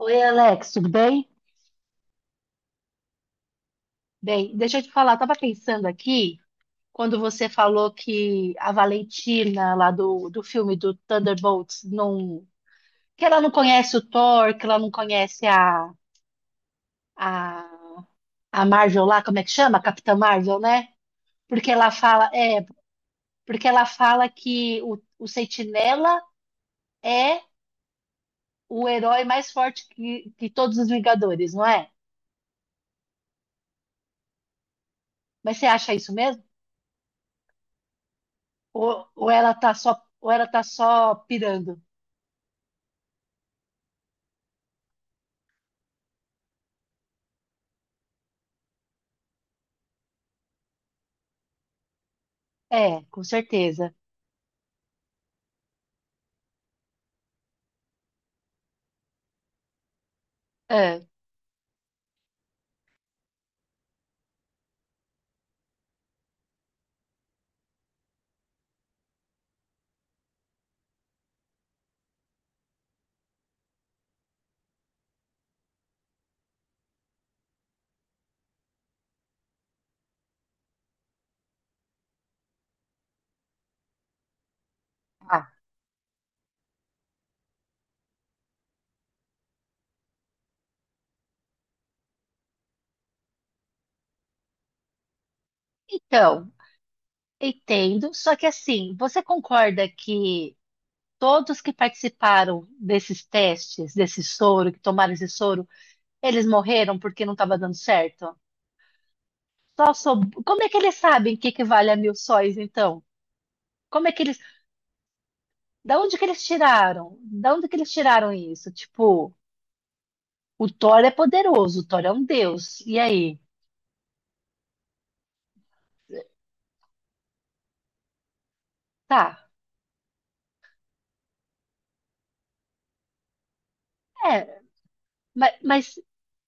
Oi, Alex, tudo bem? Bem, deixa eu te falar, eu tava pensando aqui, quando você falou que a Valentina, lá do filme do Thunderbolts, não, que ela não conhece o Thor, que ela não conhece a, a Marvel lá, como é que chama? Capitã Marvel, né? Porque ela fala, porque ela fala que o Sentinela é o herói mais forte que todos os Vingadores, não é? Mas você acha isso mesmo? Ou ela tá só pirando. É, com certeza. É. Ah, então, entendo. Só que assim, você concorda que todos que participaram desses testes, desse soro, que tomaram esse soro, eles morreram porque não estava dando certo? Como é que eles sabem que equivale a mil sóis, então? Como é que eles. Da onde que eles tiraram? Da onde que eles tiraram isso? Tipo, o Thor é poderoso, o Thor é um deus. E aí? Tá. É, mas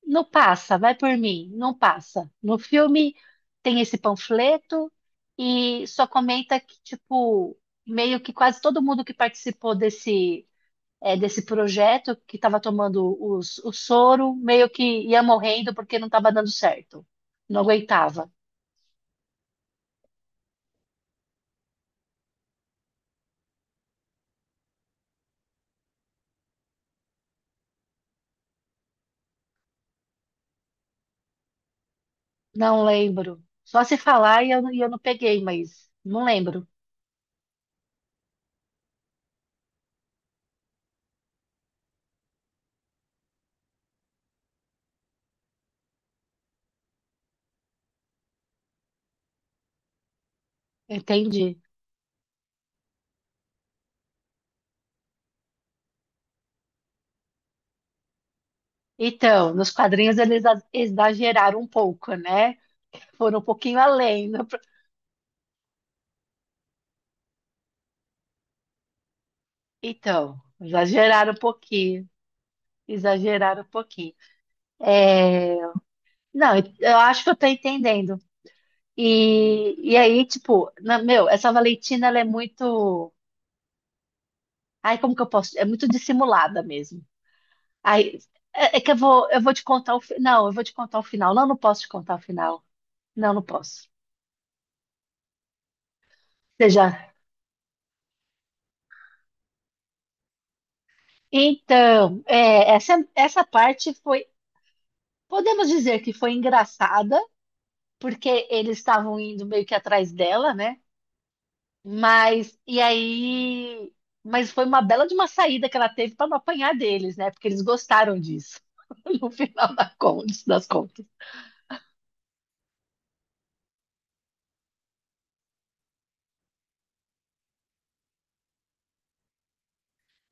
não passa, vai por mim, não passa. No filme tem esse panfleto e só comenta que, tipo, meio que quase todo mundo que participou desse projeto, que estava tomando o soro, meio que ia morrendo porque não estava dando certo. Não aguentava. Não lembro. Só se falar e eu não peguei, mas não lembro. Entendi. Então, nos quadrinhos eles exageraram um pouco, né? Foram um pouquinho além, né? Então, exageraram um pouquinho, exageraram um pouquinho. É, não, eu acho que eu tô entendendo. E aí, tipo, meu, essa Valentina, ela é muito. Ai, como que eu posso? É muito dissimulada mesmo. Ai, é, eu vou te contar o final. Não, eu vou te contar o final. Não, não posso te contar o final. Não, não posso. Você já. Então, é, essa parte foi. Podemos dizer que foi engraçada, porque eles estavam indo meio que atrás dela, né? Mas, e aí. Mas foi uma bela de uma saída que ela teve para não apanhar deles, né? Porque eles gostaram disso, no final das contas.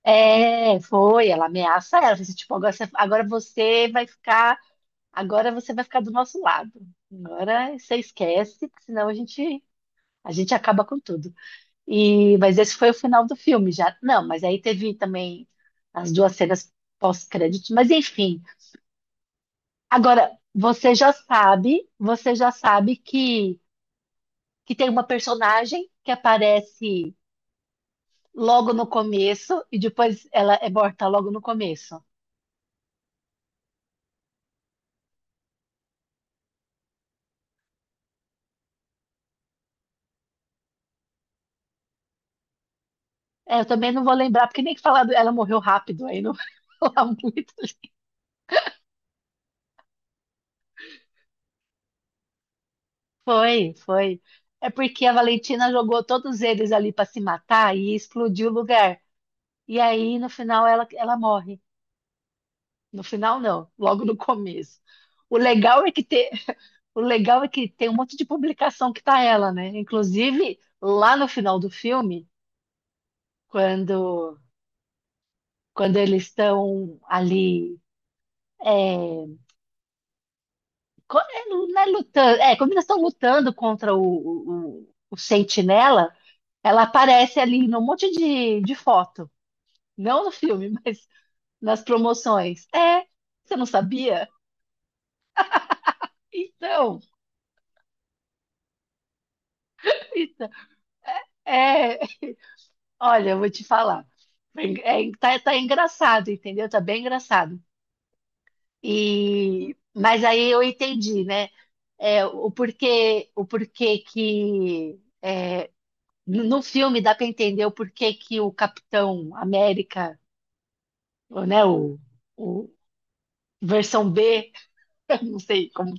É, foi, ela ameaça ela, fala assim, tipo, agora você vai ficar do nosso lado. Agora você esquece, porque senão a gente acaba com tudo. Mas esse foi o final do filme já. Não, mas aí teve também as duas cenas pós-créditos, mas enfim. Agora, você já sabe que tem uma personagem que aparece logo no começo e depois ela é morta logo no começo. É, eu também não vou lembrar, porque nem que falar, ela morreu rápido, aí não vou falar muito. Foi, foi. É porque a Valentina jogou todos eles ali para se matar e explodiu o lugar. E aí, no final, ela morre. No final, não, logo no começo. O legal é que te- O legal é que tem um monte de publicação que tá ela, né? Inclusive, lá no final do filme, quando, quando eles estão ali. É, não é lutando, quando eles estão lutando contra o Sentinela, ela aparece ali num monte de foto. Não no filme, mas nas promoções. É, você não sabia? Então, então, é, olha, eu vou te falar. Tá engraçado, entendeu? Tá bem engraçado. Mas aí eu entendi, né? É, o porquê no filme dá para entender o porquê que o Capitão América, ou, né? O versão B, eu não sei como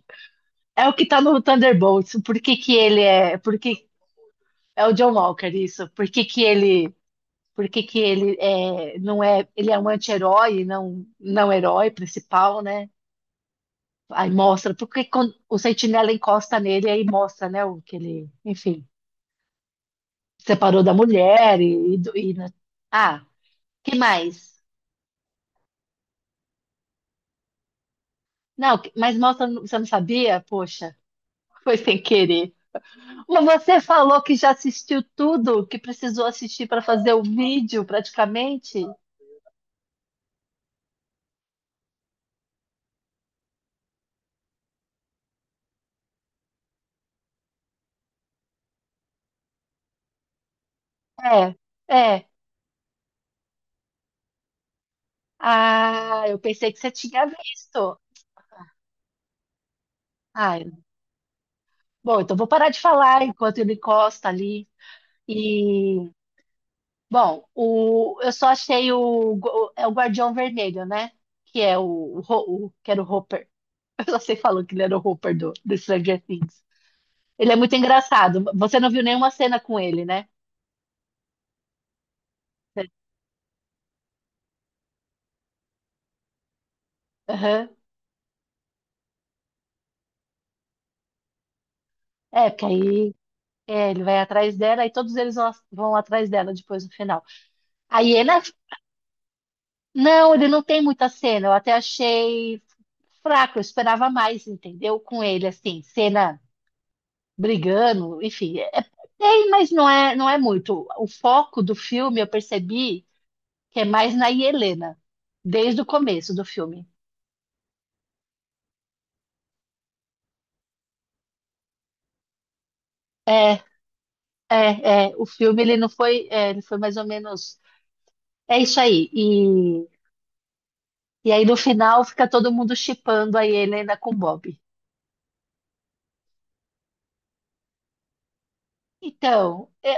é o que tá no Thunderbolts. Por que que ele é? Por que é o John Walker isso? Por que que ele? Por que que ele é, não é? Ele é um anti-herói, e não herói principal, né? Aí mostra, porque quando o sentinela encosta nele, aí mostra, né, o que ele, enfim, separou da mulher e, ah, que mais? Não, mas mostra, você não sabia? Poxa, foi sem querer. Mas você falou que já assistiu tudo, que precisou assistir para fazer o vídeo, praticamente? É, é. Ah, eu pensei que você tinha visto. Ah, bom, então vou parar de falar enquanto ele encosta ali. e Bom, eu só achei é o Guardião Vermelho, né? Que é que era o Hopper. Eu só sei falou que ele era o Hopper do Stranger Things. Ele é muito engraçado. Você não viu nenhuma cena com ele, né? Aham. É, porque aí ele vai atrás dela e todos eles vão atrás dela depois no final. Aí ele. é- Não, ele não tem muita cena. Eu até achei fraco, eu esperava mais, entendeu? Com ele, assim, cena, brigando, enfim, tem, mas não é muito. O foco do filme eu percebi que é mais na Helena, desde o começo do filme. É, o filme ele não foi, ele foi mais ou menos, é isso aí. E aí no final fica todo mundo chipando a Helena com o Bob. Então, é,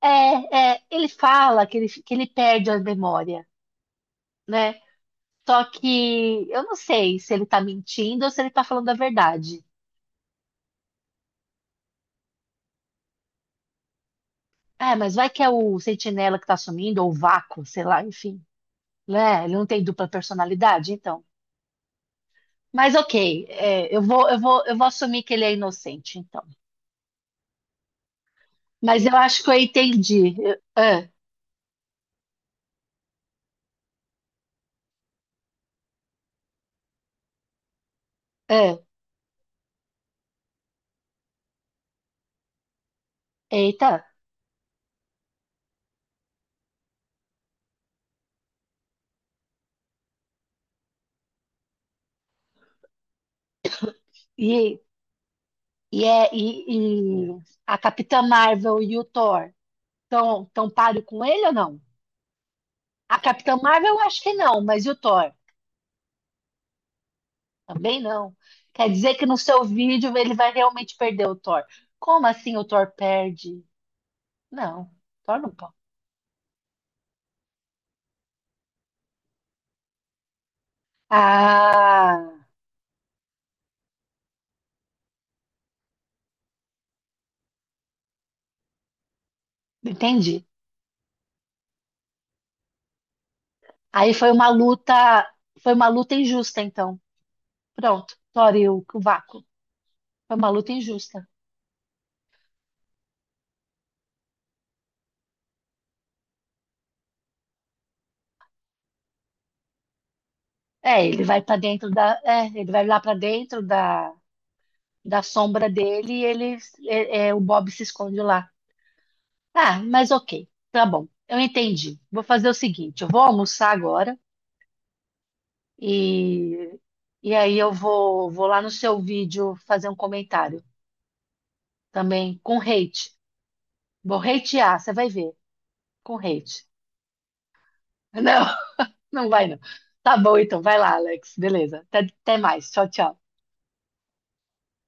é, é, ele fala que ele, perde a memória, né? Só que eu não sei se ele tá mentindo ou se ele tá falando a verdade. Mas vai que é o sentinela que tá sumindo, ou o vácuo, sei lá, enfim. Né? Ele não tem dupla personalidade, então. Mas ok, eu vou assumir que ele é inocente, então. Mas eu acho que eu entendi. Ah, eita, e, e a Capitã Marvel e o Thor estão tão páreo com ele ou não? A Capitã Marvel eu acho que não, mas e o Thor? Também não. Quer dizer que no seu vídeo ele vai realmente perder o Thor. Como assim o Thor perde? Não, torna um pau. Ah, entendi. Aí foi uma luta injusta, então. Pronto, Tori, o vácuo. Foi uma luta injusta. Ele vai lá para dentro da sombra dele o Bob se esconde lá. Ah, mas ok, tá bom. Eu entendi. Vou fazer o seguinte, eu vou almoçar agora e e aí vou lá no seu vídeo fazer um comentário também com hate. Vou hatear, você vai ver. Com hate. Não, não vai não. Tá bom, então. Vai lá, Alex. Beleza. Até mais. Tchau, tchau.